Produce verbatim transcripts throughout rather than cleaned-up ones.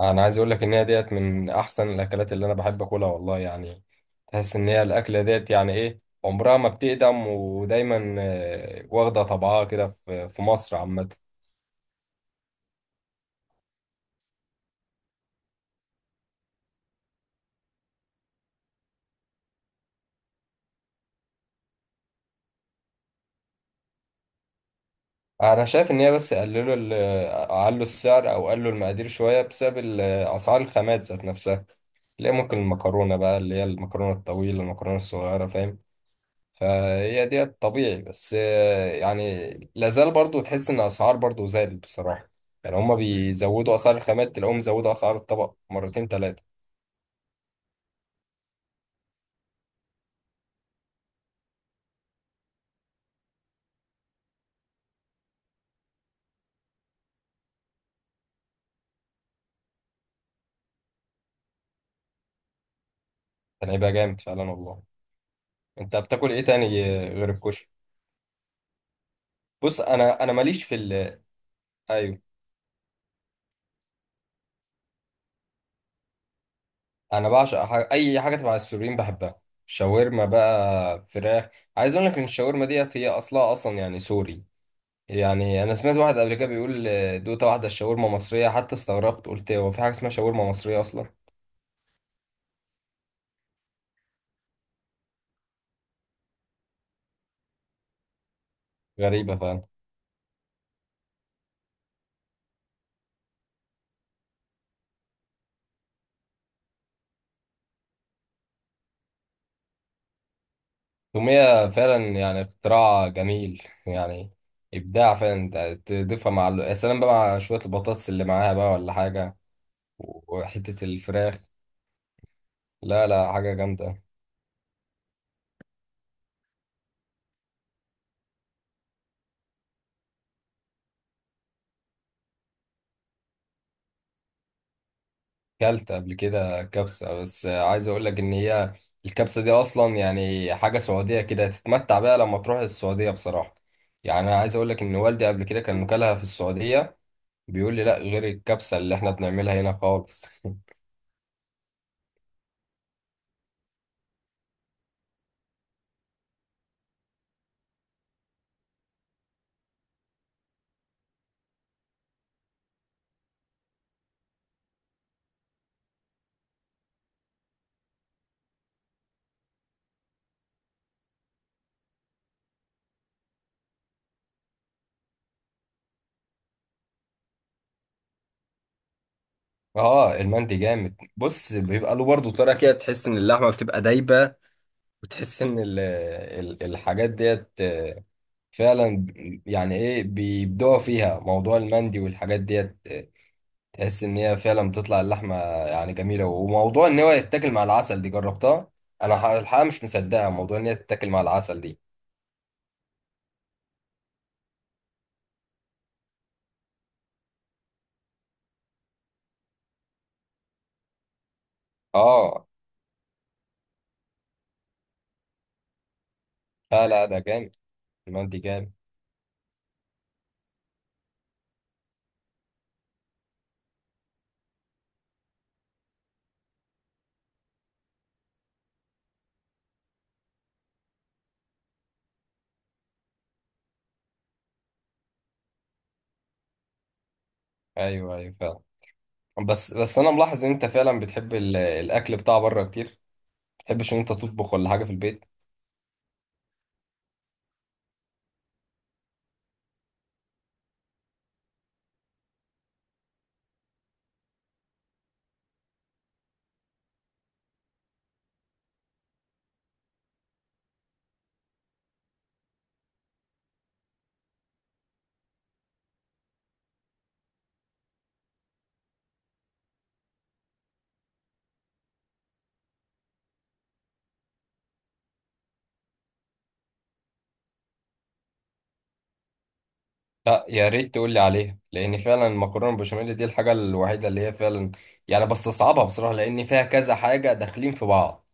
انا عايز اقول لك ان هي ديت من احسن الاكلات اللي انا بحب اكلها والله يعني. تحس ان هي الاكله ديت يعني ايه عمرها ما بتقدم ودايما آه، واخده طبعها كده في في مصر عامه. انا شايف ان هي بس قللوا ال- قللوا السعر او قللوا المقادير شويه بسبب ال- اسعار الخامات ذات نفسها. تلاقي ممكن المكرونه بقى اللي هي المكرونه الطويله المكرونه الصغيره فاهم. فهي دي طبيعي، بس آه، يعني لازال برضو تحس ان اسعار برضو زادت بصراحة. يعني هما بيزودوا اسعار الخامات تلاقوهم زودوا اسعار الطبق مرتين ثلاثة. كان هيبقى جامد فعلا والله. انت بتاكل ايه تاني غير الكشري؟ بص، انا انا ماليش في ال، ايوه. انا بعشق ح- اي حاجة تبع السوريين بحبها. شاورما بقى، فراخ. عايز اقول لك ان الشاورما ديت هي اصلها اصلا يعني سوري. يعني انا سمعت واحد قبل كده بيقول آه، دوقت واحدة الشاورما مصرية، حتى استغربت قلت هو في حاجة اسمها شاورما مصرية اصلا؟ غريبة فعلا. التومية فعلا يعني اختراع جميل، يعني إبداع فعلا. أنت تضيفها مع ال- يا سلام بقى، مع شوية البطاطس اللي معاها بقى ولا حاجة، وحتة الفراخ. لا لا، حاجة جامدة. كلت قبل كده كبسة، بس عايز أقول لك إن هي الكبسة دي أصلا يعني حاجة سعودية كده، تتمتع بيها لما تروح السعودية بصراحة. يعني أنا عايز أقول لك إن والدي قبل كده كان مكلها في السعودية، بيقول لي لا، غير الكبسة اللي إحنا بنعملها هنا خالص. اه المندي جامد. بص، بيبقى له برضه طريقه كده، تحس ان اللحمه بتبقى دايبه، وتحس ان ال ال الحاجات ديت آه، فعلا ب- يعني ايه، بيبدعوا فيها موضوع المندي والحاجات ديت آه، تحس ان هي فعلا بتطلع اللحمه يعني جميله. وموضوع ان هو يتاكل مع العسل دي جربتها انا، ح- الحقيقه مش مصدقها موضوع ان هي تتاكل مع العسل دي. اه. لا لا، ده جامد. المندي جامد. ايوه ايوه فعلا. بس بس انا ملاحظ ان انت فعلا بتحب ال- الاكل بتاع بره كتير. تحبش ان انت تطبخ ولا حاجه في البيت؟ لا يا ريت تقول لي عليها، لان فعلا المكرونه البشاميل دي الحاجه الوحيده اللي هي فعلا يعني بستصعبها بصراحه، لان فيها كذا حاجه داخلين في بعض.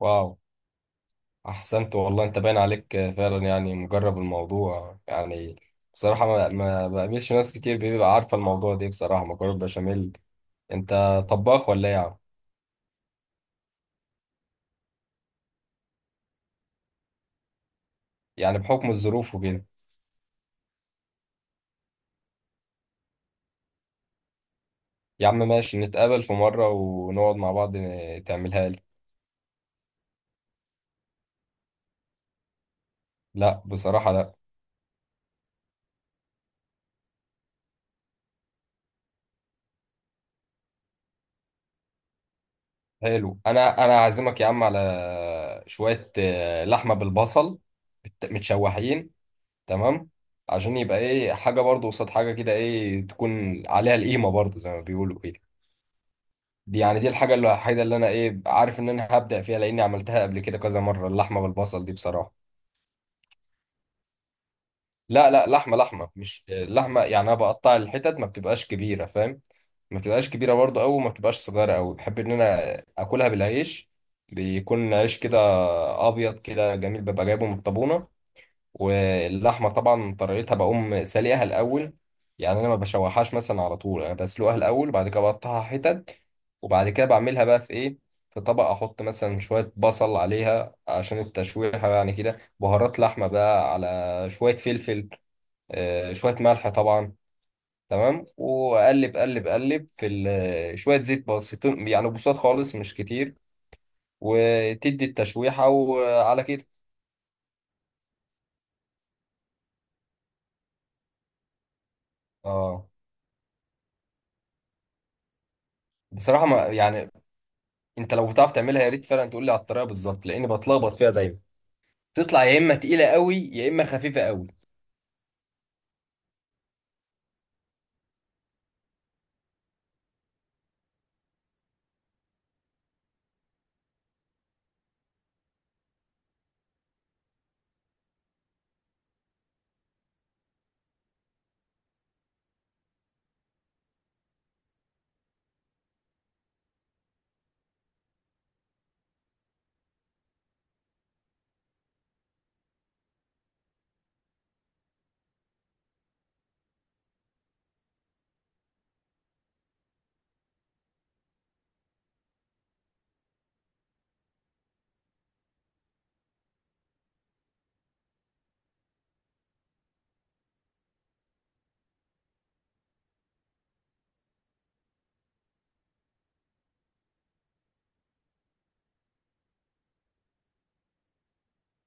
واو. احسنت والله، انت باين عليك فعلا يعني مجرب الموضوع يعني. بصراحه ما, ما بقابلش ناس كتير بيبقى عارفه الموضوع ده بصراحه، مكرونه البشاميل. انت طباخ ولا ايه يا عم؟ يعني بحكم الظروف وكده. يا عم ماشي، نتقابل في مره ونقعد مع بعض ن- تعملها لي. لا بصراحه لا. حلو، انا انا عازمك يا عم على شويه آه، لحمه بالبصل، بت- متشوحين. تمام. عشان يبقى ايه، حاجه برضو قصاد حاجه كده، ايه، تكون عليها القيمه برضو زي ما بيقولوا كده. دي يعني دي الحاجه الوحيده اللي انا ايه عارف ان انا هبدع فيها، لاني عملتها قبل كده كذا مره، اللحمه بالبصل دي بصراحه. لا لا، لحمه لحمه، مش آه، لحمه يعني، انا بقطع الحتت ما بتبقاش كبيره، فاهم. ما تبقاش كبيرة برضه أوي وما تبقاش صغيرة أوي، بحب إن أنا أكلها بالعيش. بيكون عيش كده أبيض كده جميل، ببقى جايبه من الطابونة. واللحمة طبعا طريقتها بقوم سلقها الأول، يعني أنا ما بشوحهاش مثلا على طول، أنا بسلقها الأول وبعد كده بقطعها حتت. وبعد كده بعملها بقى في إيه، في طبق، أحط مثلا شوية بصل عليها عشان التشويحة، يعني كده بهارات لحمة بقى، على شوية فلفل، آه، شوية ملح طبعا. تمام، وقلب قلب قلب في ال- شوية زيت بسيطين يعني، بساط خالص مش كتير، وتدي التشويحة وعلى كده. اه. بصراحة ما يعني، انت لو بتعرف تعملها يا ريت فعلا تقول لي على الطريقة بالظبط، لاني بتلخبط فيها دايما. تطلع يا اما تقيلة قوي يا اما خفيفة قوي.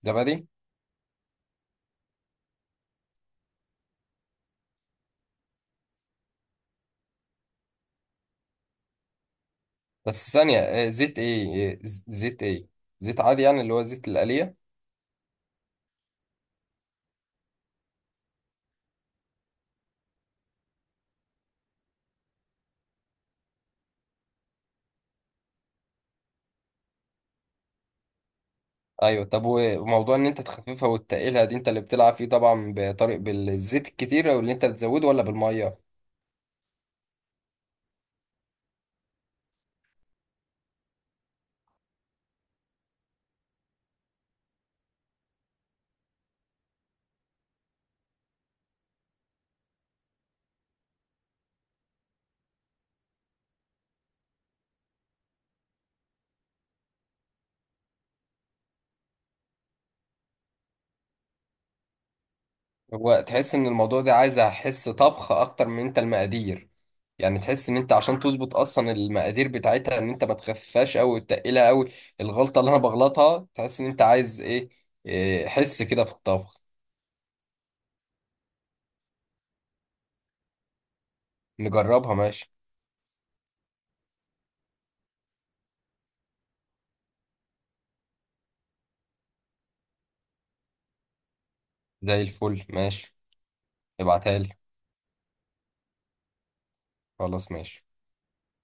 زبادي. بس ثانية، آه، زيت ايه، آه، ز- زيت ايه؟ زيت عادي يعني اللي هو زيت القلية؟ ايوه. طب وموضوع ان انت تخففها وتقيلها دي انت اللي بتلعب فيه طبعا، بطريق بالزيت الكتير واللي انت بتزوده، ولا بالمية؟ هو تحس ان الموضوع ده عايز حس طبخ اكتر من انت المقادير. يعني تحس ان انت عشان تظبط اصلا المقادير بتاعتها، ان انت ما تخفاش قوي وتقلها قوي. الغلطه اللي انا بغلطها تحس ان انت عايز ايه، إيه، حس كده في الطبخ. نجربها، ماشي. زي الفل، ماشي. ابعتها لي، خلاص ماشي.